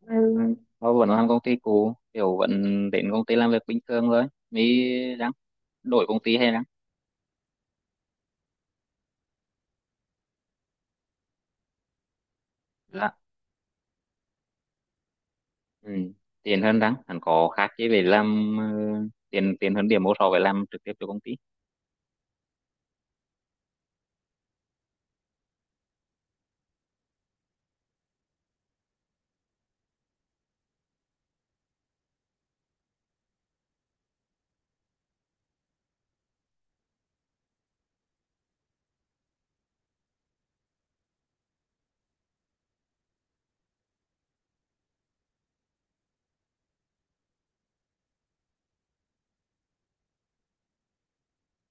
Ừ. Tôi vẫn làm công ty cũ, kiểu vẫn đến công ty làm việc bình thường thôi. Mới ráng đổi công ty hay ráng là ừ. Tiền hơn ráng, hẳn có khác chứ về làm tiền tiền hơn điểm một so với làm trực tiếp cho công ty.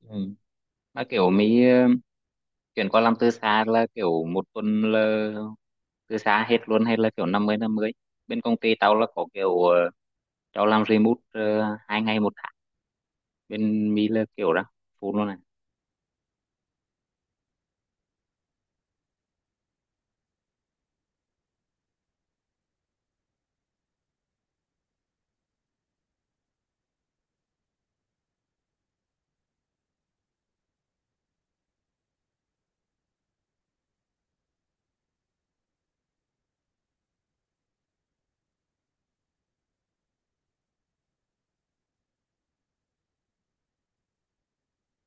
Ừ. Mà kiểu mới chuyển qua làm từ xa là kiểu một tuần là từ xa hết luôn, hay là kiểu năm mươi năm 50. Bên công ty tao là có kiểu tao làm remote 2 ngày một tháng. Bên mi là kiểu đó, full luôn.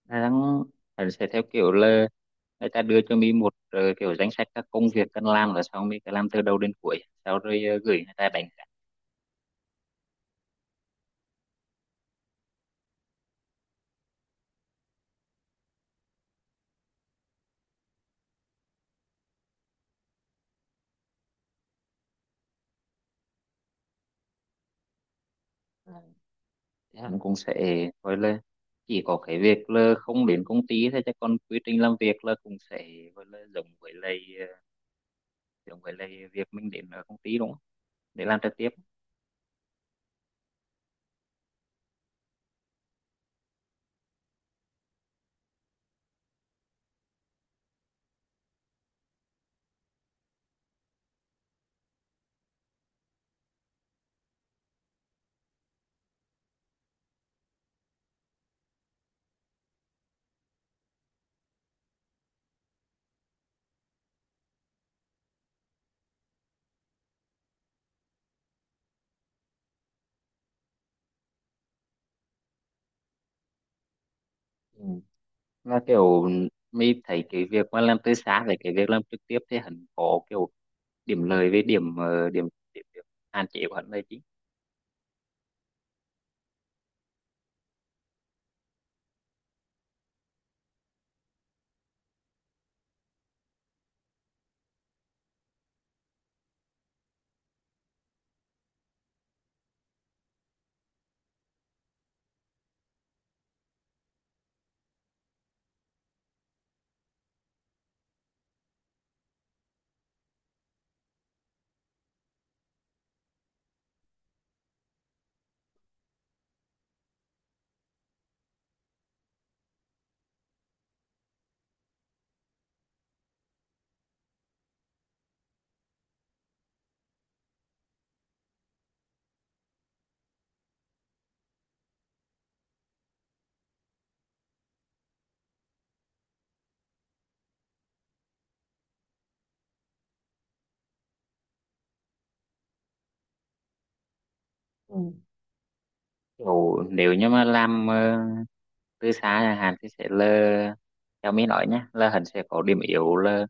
Đà đang phải sẽ theo kiểu là người ta đưa cho mi một kiểu danh sách các công việc cần làm, là sau mi cứ làm từ đầu đến cuối, sau rồi gửi người ta đánh giá. Ờ, thì hắn cũng sẽ gọi là chỉ có cái việc là không đến công ty thôi, chứ còn quy trình làm việc là cũng sẽ gọi là giống với lại giống với lại việc mình đến ở công ty, đúng không, để làm trực tiếp. Ừ, là kiểu mi thấy cái việc mà làm từ xa với cái việc làm trực tiếp thì hắn có kiểu điểm lợi với điểm ờ, điểm, điểm, điểm hạn chế của hắn là chính. Ồ, nếu như mà làm từ xa chẳng hạn thì sẽ là, theo mình nói nhé, là hắn sẽ có điểm yếu là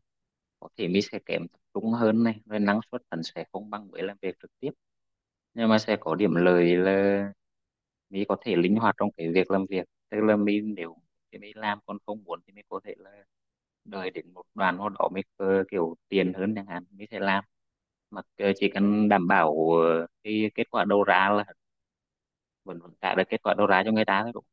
có thể mình sẽ kém tập trung hơn này, rồi năng suất hắn sẽ không bằng với làm việc trực tiếp, nhưng mà sẽ có điểm lợi là mình có thể linh hoạt trong cái việc làm việc, tức là mình nếu thì mình làm, còn không muốn thì mình có thể là đợi đến một đoạn nào đó mình kiểu tiền hơn chẳng hạn mình sẽ làm, mà chỉ cần đảm bảo cái kết quả đầu ra là vẫn vẫn trả được kết quả đầu ra cho người ta thôi.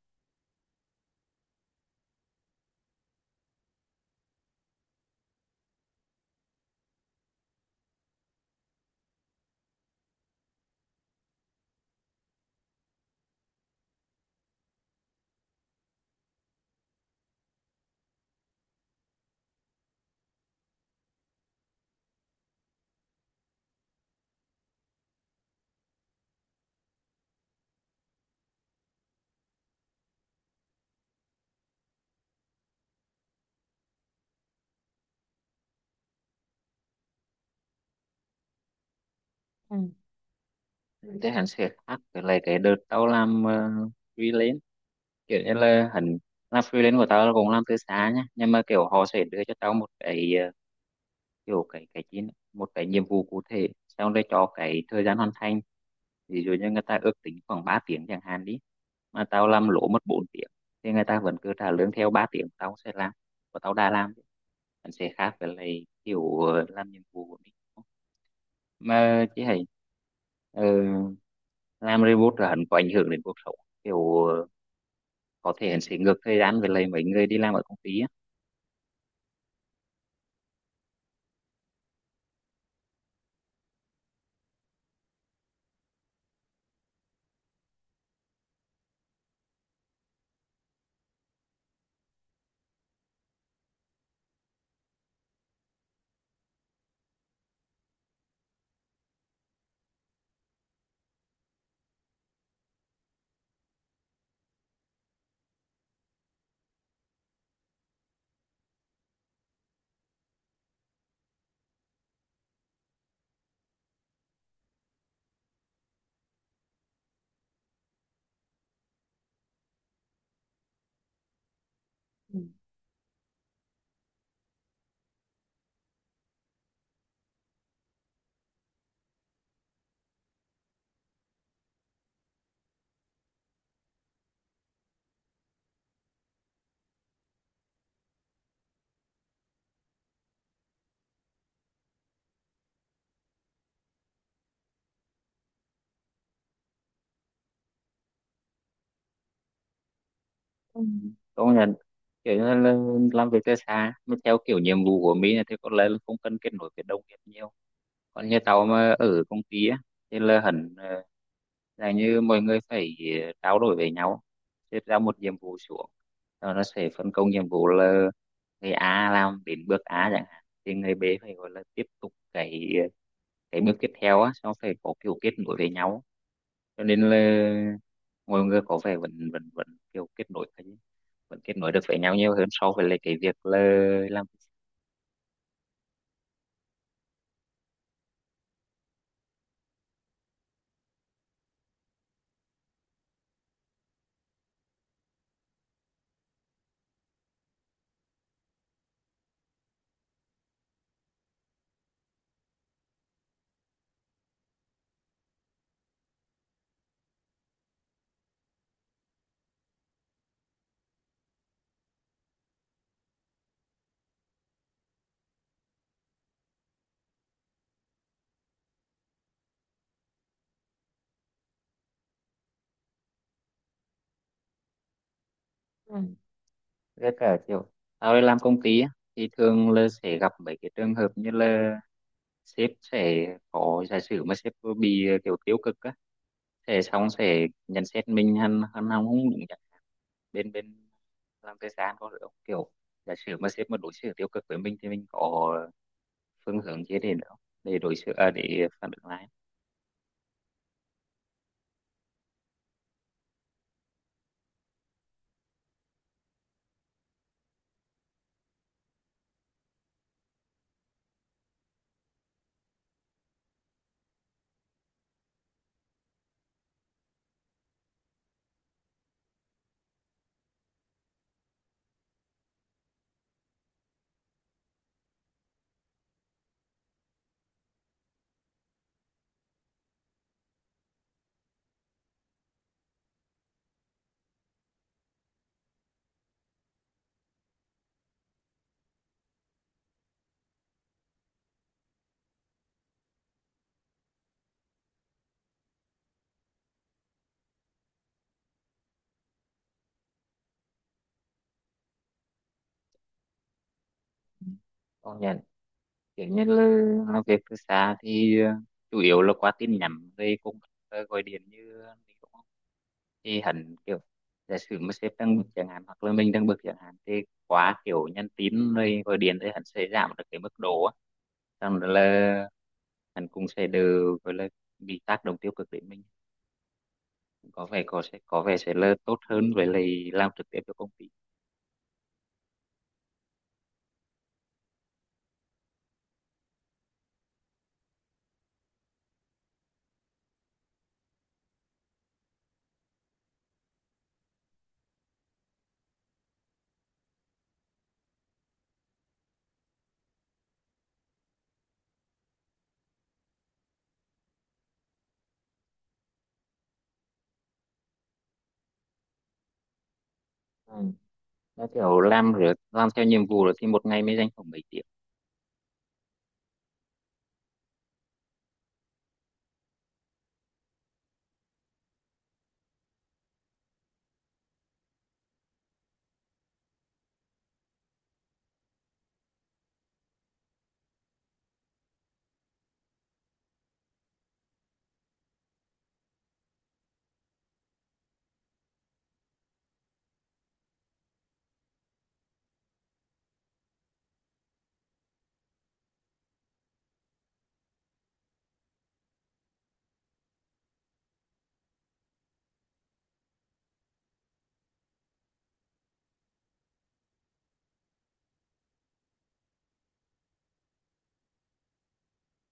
Đúng, thế anh sẽ khác với lại cái đợt tao làm freelance. Kiểu như là hẳn làm freelance của tao là cũng làm từ xa nhá, nhưng mà kiểu họ sẽ đưa cho tao một cái kiểu cái chín một cái nhiệm vụ cụ thể, xong rồi cho cái thời gian hoàn thành. Ví dụ như người ta ước tính khoảng 3 tiếng chẳng hạn đi, mà tao làm lỗ mất 4 tiếng, thì người ta vẫn cứ trả lương theo 3 tiếng tao sẽ làm và tao đã làm. Hẳn sẽ khác với lại kiểu làm nhiệm vụ của mình mà chị hãy làm robot là hắn có ảnh hưởng đến cuộc sống, kiểu có thể hắn sẽ ngược thời gian về lại mấy người đi làm ở công ty á. Ừ. Ừ. Có là kiểu như là làm việc từ xa mà theo kiểu nhiệm vụ của mình thì có lẽ là không cần kết nối với đồng nghiệp nhiều, còn như tao mà ở công ty á thì là hẳn là như mọi người phải trao đổi với nhau, xếp ra một nhiệm vụ xuống. Rồi nó sẽ phân công nhiệm vụ là người A làm đến bước A chẳng hạn thì người B phải gọi là tiếp tục cái bước tiếp theo á, xong phải có kiểu kết nối với nhau, cho nên là mọi người có vẻ vẫn vẫn vẫn kiểu kết nối vẫn kết nối được với nhau nhiều hơn so với lại cái việc là làm. Ừ, với cả kiểu tao đi làm công ty á thì thường là sẽ gặp mấy cái trường hợp như là sếp sẽ có, giả sử mà sếp bị kiểu tiêu cực á, sẽ xong sẽ nhận xét mình hắn hắn không đúng. Bên bên làm thời gian có được không? Kiểu giả sử mà sếp mà đối xử tiêu cực với mình thì mình có phương hướng gì để nữa, để đối xử à, để phản ứng lại. Công nhận, kiểu như là làm việc từ xa thì chủ yếu là qua tin nhắn rồi cũng gọi điện như mình cũng, thì hẳn kiểu giả sử mà sếp đang bực chẳng hạn hoặc là mình đang bực chẳng hạn thì quá kiểu nhắn tin rồi gọi điện thì hẳn sẽ giảm được cái mức độ á, xong rồi là hẳn cũng sẽ đều gọi là bị tác động tiêu cực đến mình. Có vẻ sẽ là tốt hơn với lại làm trực tiếp cho công ty. Ừ, nó kiểu làm rồi làm theo nhiệm vụ rồi thì một ngày mới dành khoảng mấy tiếng?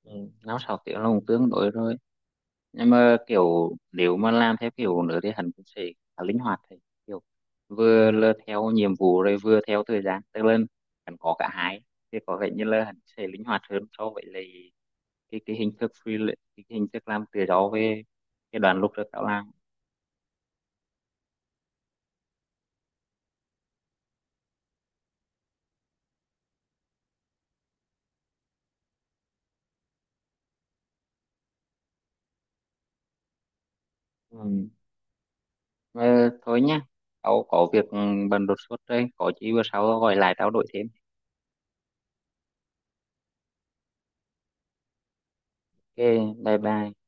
Ừ, 5 6 tiếng là cũng tương đối rồi, nhưng mà kiểu nếu mà làm theo kiểu nữa thì hắn cũng sẽ khá linh hoạt, thì kiểu vừa là theo nhiệm vụ rồi vừa theo thời gian, tức là hắn có cả hai thì có vẻ như là hắn sẽ linh hoạt hơn so với lại cái hình thức free cái hình thức làm tự do về cái đoàn lúc trước tao làm. Ừ. Ờ, thôi nhá, tao có việc bận đột xuất đây, có gì bữa sau tao gọi lại tao đổi thêm. Ok, bye bye.